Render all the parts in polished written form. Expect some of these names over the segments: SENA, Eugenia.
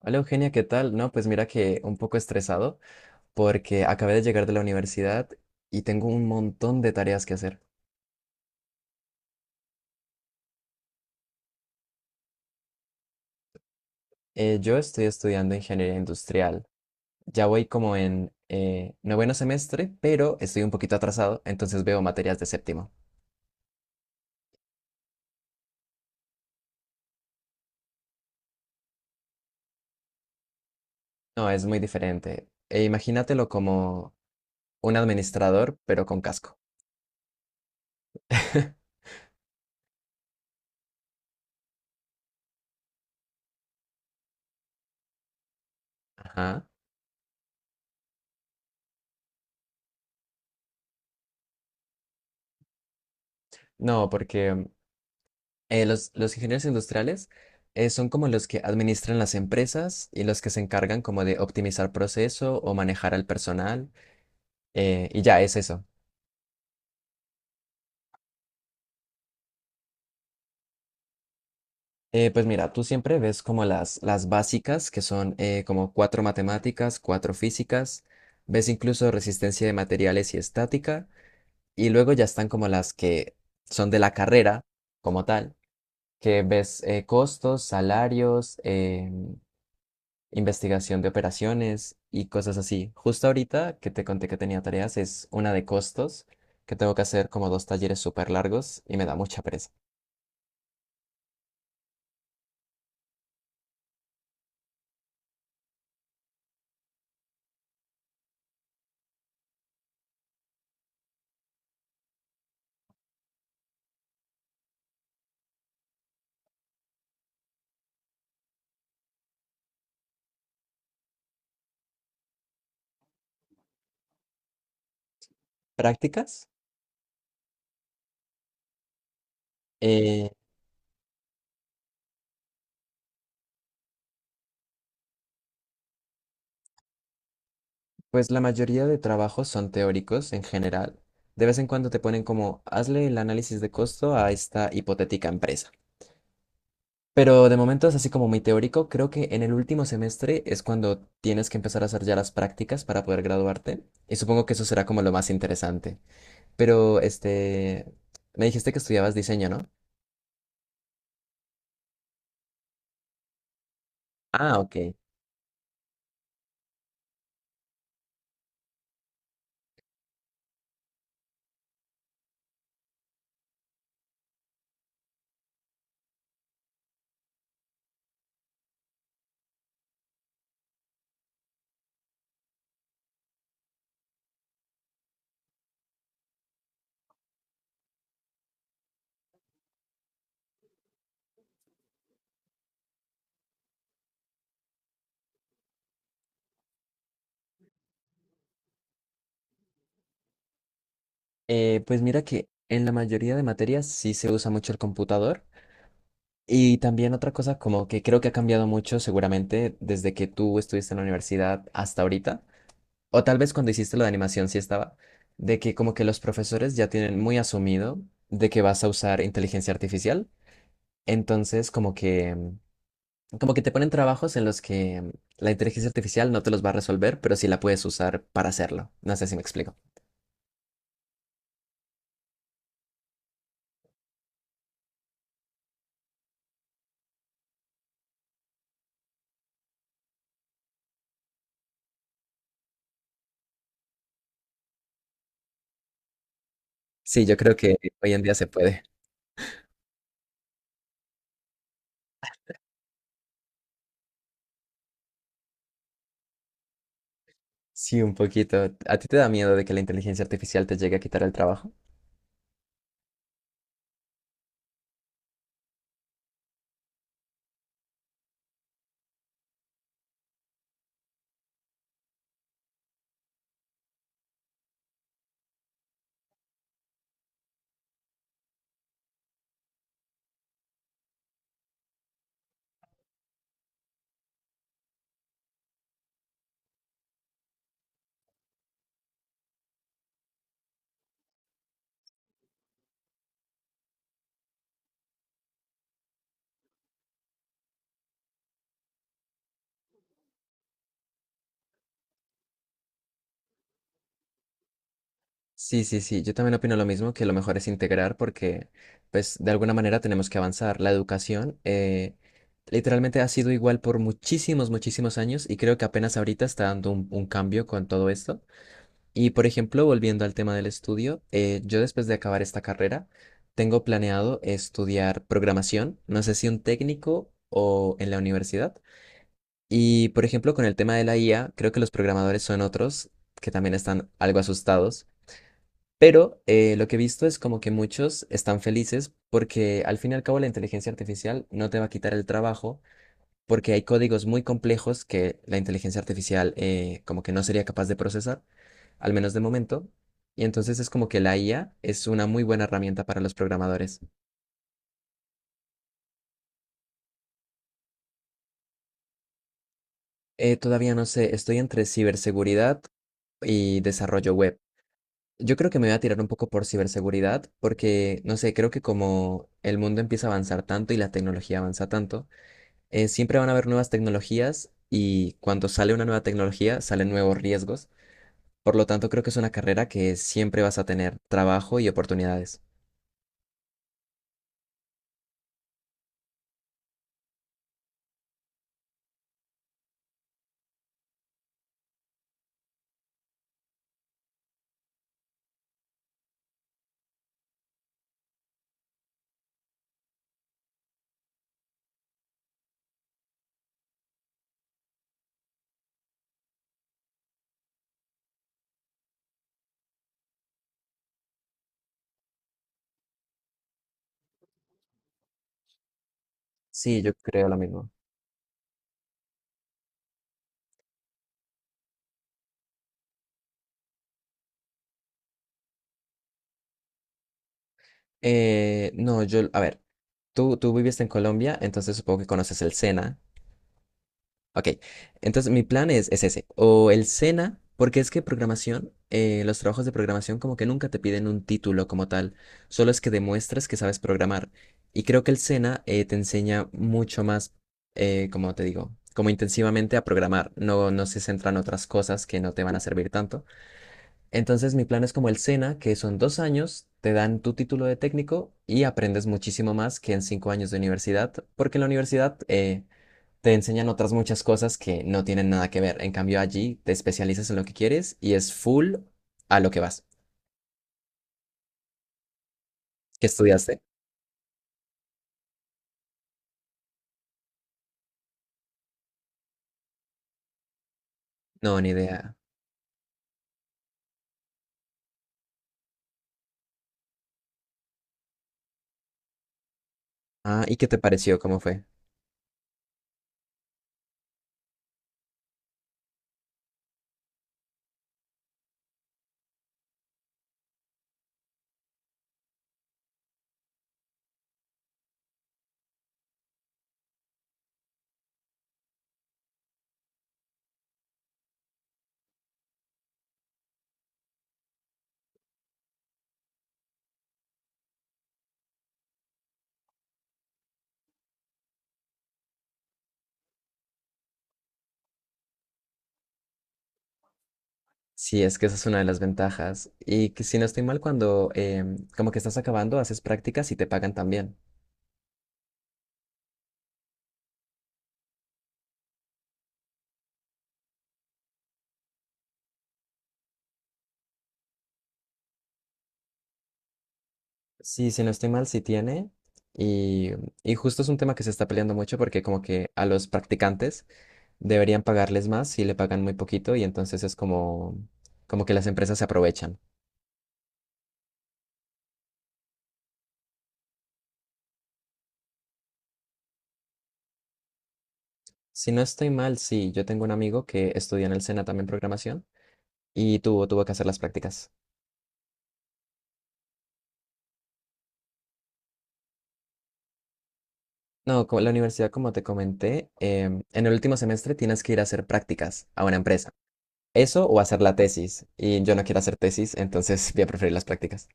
Hola Eugenia, ¿qué tal? No, pues mira que un poco estresado porque acabé de llegar de la universidad y tengo un montón de tareas que hacer. Yo estoy estudiando ingeniería industrial. Ya voy como en noveno semestre, pero estoy un poquito atrasado, entonces veo materias de séptimo. No, es muy diferente. E imagínatelo como un administrador, pero con casco. Ajá. No, porque los ingenieros industriales son como los que administran las empresas y los que se encargan como de optimizar proceso o manejar al personal. Y ya es eso. Pues mira, tú siempre ves como las básicas, que son como cuatro matemáticas, cuatro físicas, ves incluso resistencia de materiales y estática, y luego ya están como las que son de la carrera como tal, que ves costos, salarios, investigación de operaciones y cosas así. Justo ahorita que te conté que tenía tareas es una de costos, que tengo que hacer como dos talleres súper largos y me da mucha pereza. Prácticas, eh, pues la mayoría de trabajos son teóricos en general. De vez en cuando te ponen como, hazle el análisis de costo a esta hipotética empresa. Pero de momento es así como muy teórico. Creo que en el último semestre es cuando tienes que empezar a hacer ya las prácticas para poder graduarte. Y supongo que eso será como lo más interesante. Pero, este, me dijiste que estudiabas diseño, ¿no? Ah, ok. Pues mira que en la mayoría de materias sí se usa mucho el computador. Y también otra cosa como que creo que ha cambiado mucho seguramente desde que tú estuviste en la universidad hasta ahorita. O tal vez cuando hiciste lo de animación sí estaba. De que como que los profesores ya tienen muy asumido de que vas a usar inteligencia artificial. Entonces como que Como que te ponen trabajos en los que la inteligencia artificial no te los va a resolver, pero sí la puedes usar para hacerlo. No sé si me explico. Sí, yo creo que hoy en día se puede. Sí, un poquito. ¿A ti te da miedo de que la inteligencia artificial te llegue a quitar el trabajo? Sí, sí, sí. Yo también opino lo mismo, que lo mejor es integrar porque, pues, de alguna manera tenemos que avanzar. La educación literalmente ha sido igual por muchísimos, muchísimos años y creo que apenas ahorita está dando un cambio con todo esto. Y por ejemplo, volviendo al tema del estudio, yo después de acabar esta carrera, tengo planeado estudiar programación, no sé si un técnico o en la universidad. Y por ejemplo, con el tema de la IA, creo que los programadores son otros que también están algo asustados, pero lo que he visto es como que muchos están felices porque al fin y al cabo la inteligencia artificial no te va a quitar el trabajo porque hay códigos muy complejos que la inteligencia artificial como que no sería capaz de procesar al menos de momento. Y entonces es como que la IA es una muy buena herramienta para los programadores. Todavía no sé, estoy entre ciberseguridad y desarrollo web. Yo creo que me voy a tirar un poco por ciberseguridad porque, no sé, creo que como el mundo empieza a avanzar tanto y la tecnología avanza tanto, siempre van a haber nuevas tecnologías y cuando sale una nueva tecnología salen nuevos riesgos. Por lo tanto, creo que es una carrera que siempre vas a tener trabajo y oportunidades. Sí, yo creo lo mismo. No, yo, a ver, tú viviste en Colombia, entonces supongo que conoces el SENA. Ok, entonces mi plan es ese, o el SENA, porque es que programación, los trabajos de programación como que nunca te piden un título como tal, solo es que demuestres que sabes programar. Y creo que el SENA te enseña mucho más, como te digo, como intensivamente a programar, no se centra en otras cosas que no te van a servir tanto. Entonces mi plan es como el SENA, que son 2 años, te dan tu título de técnico y aprendes muchísimo más que en 5 años de universidad, porque en la universidad te enseñan otras muchas cosas que no tienen nada que ver. En cambio allí te especializas en lo que quieres y es full a lo que vas. ¿Qué estudiaste? No, ni idea. Ah, ¿y qué te pareció? ¿Cómo fue? Sí, es que esa es una de las ventajas. Y que si no estoy mal, cuando como que estás acabando, haces prácticas y te pagan también. Sí, si no estoy mal, sí tiene. Y, y justo es un tema que se está peleando mucho porque como que a los practicantes deberían pagarles más si le pagan muy poquito y entonces es como, como que las empresas se aprovechan. Si no estoy mal, sí, yo tengo un amigo que estudió en el SENA también programación y tuvo que hacer las prácticas. No, co- la universidad, como te comenté, en el último semestre tienes que ir a hacer prácticas a una empresa. Eso o hacer la tesis. Y yo no quiero hacer tesis, entonces voy a preferir las prácticas.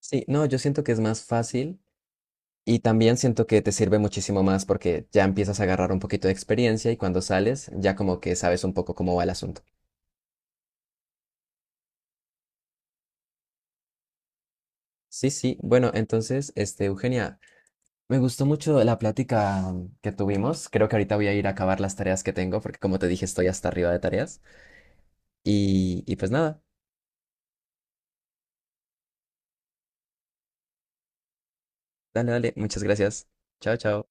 Sí, no, yo siento que es más fácil. Y también siento que te sirve muchísimo más porque ya empiezas a agarrar un poquito de experiencia y cuando sales ya como que sabes un poco cómo va el asunto. Sí, sí. Bueno, entonces, este, Eugenia, me gustó mucho la plática que tuvimos. Creo que ahorita voy a ir a acabar las tareas que tengo porque como te dije, estoy hasta arriba de tareas. Y pues nada, dale, dale. Muchas gracias. Chao, chao.